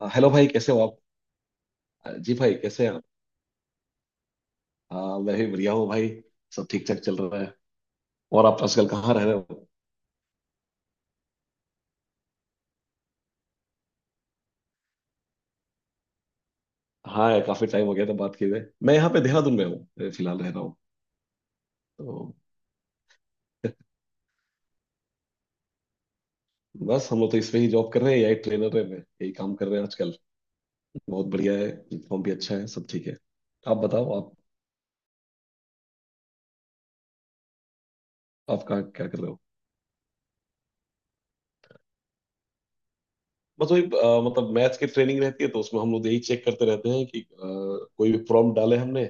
Hello भाई, कैसे हो आप? जी भाई, कैसे हैं आप? अ, मैं भी बढ़िया हूँ भाई। सब ठीक ठाक चल रहा है। और आप आजकल कहाँ रह रहे हो? हाँ यार, काफी टाइम हो गया था बात किए हुए। मैं यहाँ पे देहरादून में हूँ, फिलहाल रह रहा हूँ। तो बस हम लोग तो इसमें ही जॉब कर रहे हैं, यही ट्रेनर है, मैं यही काम कर रहे हैं आजकल। बहुत बढ़िया है, यूनिफॉर्म भी अच्छा है, सब ठीक है। आप बताओ आप। आप कहाँ क्या कर रहे हो? बस वही, मतलब मैथ्स की ट्रेनिंग रहती है, तो उसमें हम लोग यही चेक करते रहते हैं कि कोई भी प्रॉब्लम डाले हमने,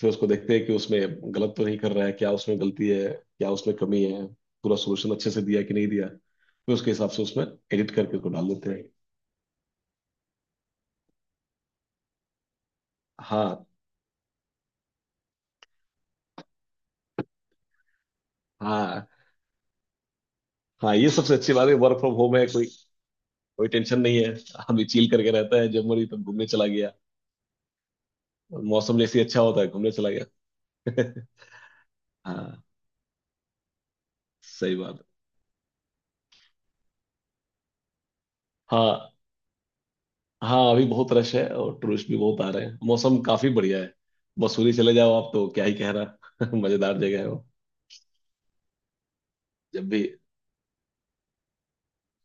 फिर उसको देखते हैं कि उसमें गलत तो नहीं कर रहा है, क्या उसमें गलती है, क्या उसमें कमी है, पूरा सोल्यूशन अच्छे से दिया है कि नहीं दिया, फिर उसके हिसाब से उसमें एडिट करके उसको डाल देते हैं। हाँ, हाँ, हाँ, ये सबसे अच्छी बात है, वर्क फ्रॉम होम है, कोई कोई टेंशन नहीं है। आदमी चिल करके रहता है, जब मरी तब घूमने चला गया। मौसम जैसे ही अच्छा होता है घूमने चला गया। हाँ सही बात है। हाँ, हाँ, अभी बहुत रश है और टूरिस्ट भी बहुत आ रहे हैं, मौसम काफी बढ़िया है। मसूरी चले जाओ आप तो क्या ही कह रहा, मजेदार जगह है वो। जब भी।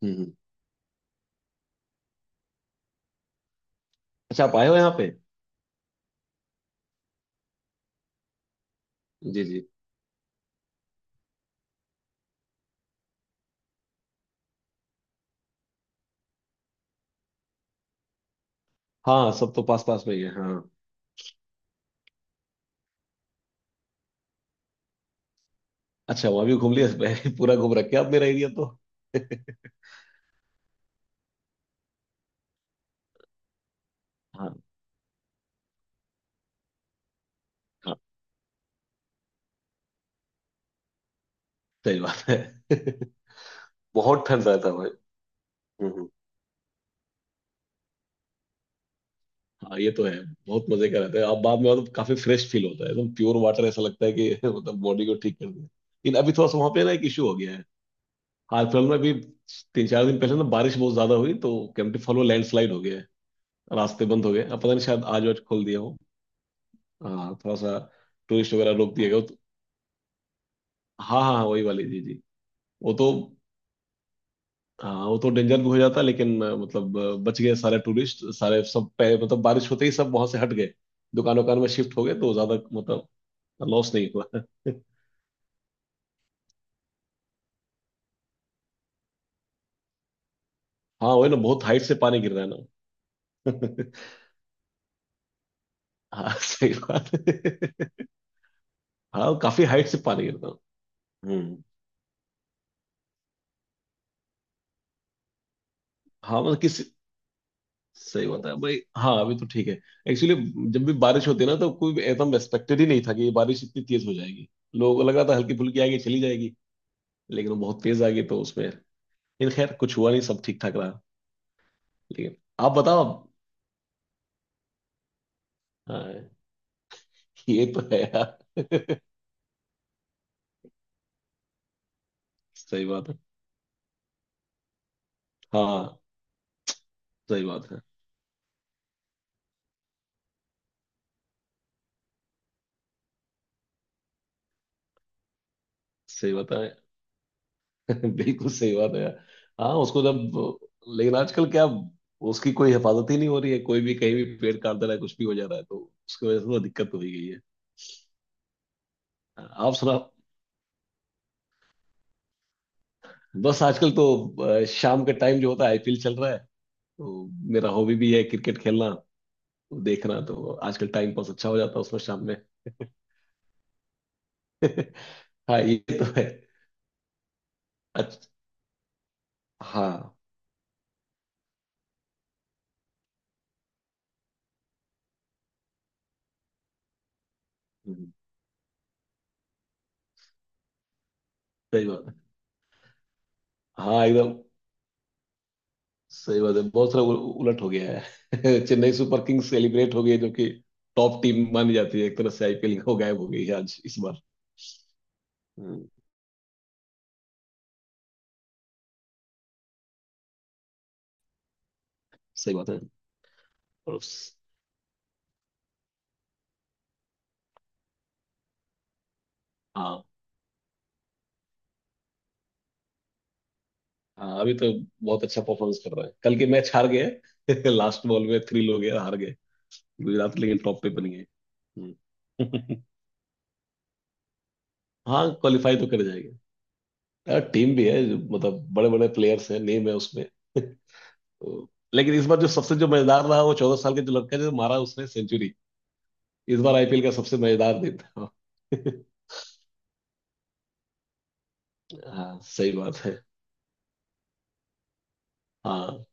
हम्म। अच्छा, आप आए हो यहाँ पे? जी जी। हाँ, सब तो पास पास में ही है, हाँ। अच्छा, वहाँ भी घूम लिया। मैं पूरा घूम रखे आप मेरा एरिया तो। हाँ, हाँ, सही बात है। बहुत ठंड रहता है भाई। हम्म, हाँ ये तो है। बहुत मजे का रहता है, आप बाद में आओ तो काफी फ्रेश फील होता है, एकदम प्योर वाटर, ऐसा लगता है कि मतलब बॉडी को ठीक कर दिया, लेकिन अभी थोड़ा सा वहाँ पे ना एक इशू हो गया है। हाल फिलहाल में अभी 3 4 दिन पहले ना बारिश बहुत ज्यादा हुई, तो कैंपटी फॉल में लैंडस्लाइड हो गया है। रास्ते बंद हो गए, अब पता नहीं, शायद आज आज खोल दिया हो। हाँ थोड़ा सा, टूरिस्ट वगैरह रोक दिया गया। हाँ, हाँ, हाँ, वही वाली, जी जी। वो तो, हाँ वो तो डेंजर भी हो जाता, लेकिन मतलब बच गए सारे टूरिस्ट, सारे, सब पे मतलब बारिश होते ही सब वहां से हट गए, दुकान वकान में शिफ्ट हो गए, तो ज्यादा मतलब लॉस नहीं हुआ। हाँ वही ना, बहुत हाइट से पानी गिर रहा है ना। हाँ सही बात है। हाँ काफी हाइट से पानी गिरता है। हम्म। हाँ मतलब किसी, सही बात है भाई, हाँ अभी तो ठीक है। एक्चुअली जब भी बारिश होती है ना, तो कोई एकदम एक्सपेक्टेड ही नहीं था कि ये बारिश इतनी तेज हो जाएगी। लोगों को लगा था हल्की फुल्की आएगी चली जाएगी, लेकिन वो बहुत तेज आ गई, तो उसमें, लेकिन खैर कुछ हुआ नहीं, सब ठीक ठाक रहा। लेकिन आप बताओ अब। हाँ ये तो है यार। सही बात है। हाँ सही बात है। सही बात है। बिल्कुल सही बात है यार। हाँ उसको जब, लेकिन आजकल क्या, उसकी कोई हिफाजत ही नहीं हो रही है, कोई भी कहीं भी पेड़ काट दे रहा है, कुछ भी हो जा रहा है, तो उसकी वजह से थोड़ा दिक्कत हो ही गई है। आप सुना। बस आजकल तो शाम का टाइम जो होता है आईपीएल चल रहा है, तो मेरा हॉबी भी है क्रिकेट खेलना, तो देखना तो आजकल टाइम पास अच्छा हो जाता है उसमें शाम में। हाँ ये तो है। अच्छा। हाँ। हम्म, सही बात है। हाँ एकदम सही बात है, बहुत सारा उलट हो गया है। चेन्नई सुपर किंग्स सेलिब्रेट हो गई है, जो कि टॉप टीम मानी जाती है एक तरह से आईपीएल को, गायब हो गई है आज इस बार। हम्म, सही बात है। और हाँ, हाँ, अभी तो बहुत अच्छा परफॉर्मेंस कर रहा है, कल के मैच हार गए। लास्ट बॉल में थ्री हो गया, हार गए। गुजरात लेकिन टॉप पे बन गए। हम्म। हाँ क्वालिफाई तो कर जाएगा। हाँ, टीम भी है जो मतलब बड़े बड़े प्लेयर्स हैं, नेम है उसमें। तो, लेकिन इस बार जो सबसे जो मजेदार रहा वो 14 साल के जो लड़का है, जो मारा उसने सेंचुरी। इस बार आईपीएल का सबसे मजेदार दिन था। हाँ सही बात है। हाँ,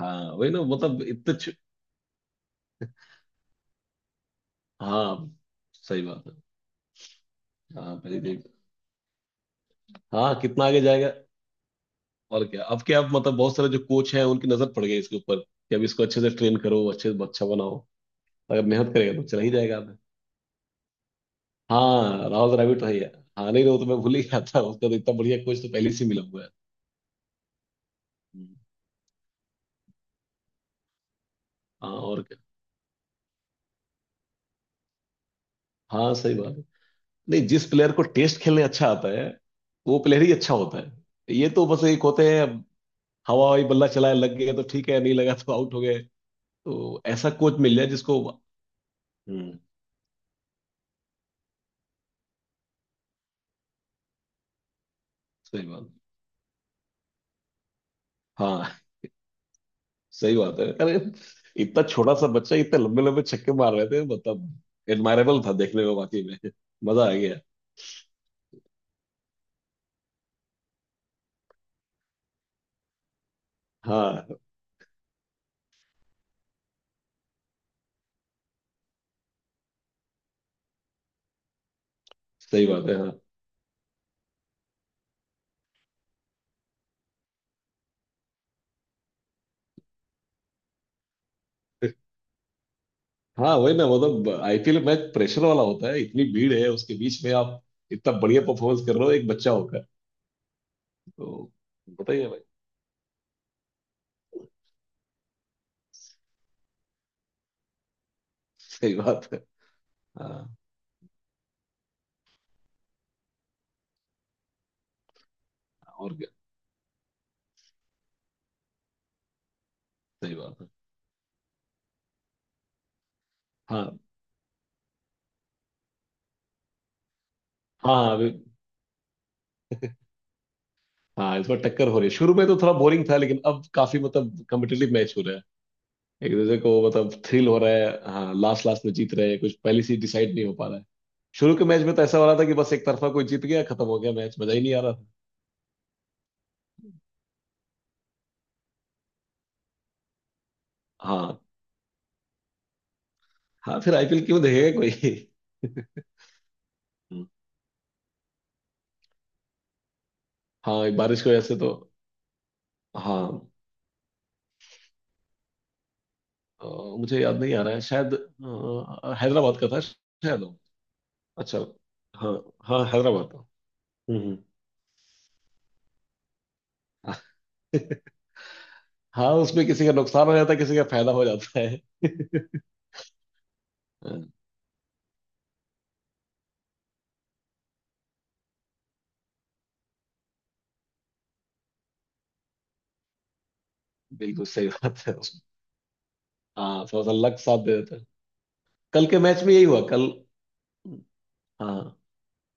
हाँ वही ना, मतलब इतने हाँ सही बात है। हाँ पहले देख। हाँ कितना आगे जाएगा। और क्या, अब क्या अब मतलब बहुत सारे जो कोच हैं उनकी नजर पड़ गई इसके ऊपर, कि अब इसको अच्छे से ट्रेन करो, अच्छे से अच्छा बनाओ। अगर मेहनत करेगा तो चला ही जाएगा। हाँ राउज द्रविड़ तो है ही है। हाँ नहीं, वो तो मैं भूल ही गया था, उसका तो इतना बढ़िया कोच तो पहले से ही मिला हुआ है। हम्म, हाँ और क्या। हाँ सही बात है। नहीं, जिस प्लेयर को टेस्ट खेलने अच्छा आता है वो प्लेयर ही अच्छा होता है, ये तो बस एक होते हैं अब। हवा हवाई बल्ला चलाए, लग गए तो ठीक है, नहीं लगा तो आउट हो गए। तो ऐसा कोच मिल जाए जिसको। हम्म। सही बात। हाँ सही बात है, अरे इतना छोटा सा बच्चा इतने लंबे लंबे छक्के मार रहे थे, मतलब एडमायरेबल था देखने में, वाकई में। मजा आ गया। हाँ सही बात है। हाँ, हाँ वही ना, मतलब आईपीएल मैच प्रेशर वाला होता है, इतनी भीड़ है उसके बीच में आप इतना बढ़िया परफॉर्मेंस कर रहे हो एक बच्चा होकर। तो बताइए भाई। सही बात है। हाँ और क्या। सही बात है। हाँ, हाँ, हाँ अभी। हाँ इस बार टक्कर हो रही है, शुरू में तो थोड़ा बोरिंग था लेकिन अब काफी मतलब कम्पिटेटिव मैच हो रहा है। एक दूसरे को मतलब थ्रिल हो रहा है, हाँ लास्ट लास्ट में जीत रहे हैं, कुछ पहले से डिसाइड नहीं हो पा रहा है। शुरू के मैच में तो ऐसा हो रहा था कि बस एक तरफा कोई जीत गया, खत्म हो गया मैच, मजा ही नहीं आ रहा था। हाँ, हाँ, फिर आईपीएल क्यों देखेगा कोई। हाँ ये बारिश की वजह से तो। हाँ अ, मुझे याद नहीं आ रहा है, शायद हैदराबाद का था शायद वो। अच्छा। हाँ, हाँ, हैदराबाद का। हम्म, हम्म। हाँ उसमें किसी का नुकसान हो जाता है, किसी का फायदा हो जाता है। हाँ, बिल्कुल सही बात है उसमें। हाँ थोड़ा सा लक साथ दे देता है। कल के मैच में यही हुआ कल। हाँ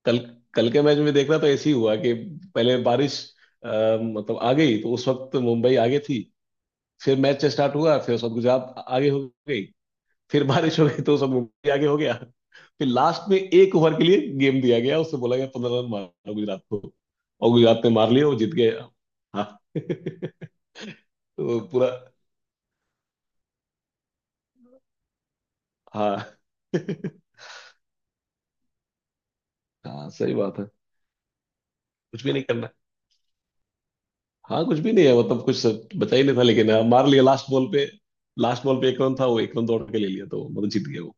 कल कल के मैच में देखना तो ऐसे ही हुआ कि पहले बारिश अ, मतलब आ गई, तो उस वक्त मुंबई आगे थी। फिर मैच स्टार्ट हुआ, फिर उस वक्त गुजरात आगे हो गई। फिर बारिश हो गई तो सब मुंबई आगे हो गया। फिर लास्ट में एक ओवर के लिए गेम दिया गया, उससे बोला गया 15 रन मारो गुजरात को, और गुजरात ने मार लिया, वो जीत गया। हाँ तो पूरा। हाँ हाँ सही बात है। कुछ भी नहीं करना। हाँ कुछ भी नहीं है, मतलब कुछ बचा ही नहीं था, लेकिन हाँ, मार लिया लास्ट बॉल पे। लास्ट बॉल पे एक रन था, वो एक रन दौड़ के ले लिया, तो मतलब जीत गया वो।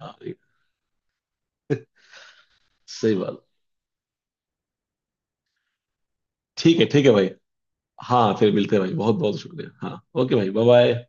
हाँ ये-। सही बात। ठीक है, ठीक है भाई। हाँ फिर मिलते हैं भाई, बहुत बहुत शुक्रिया, हाँ। ओके भाई, बाय बाय।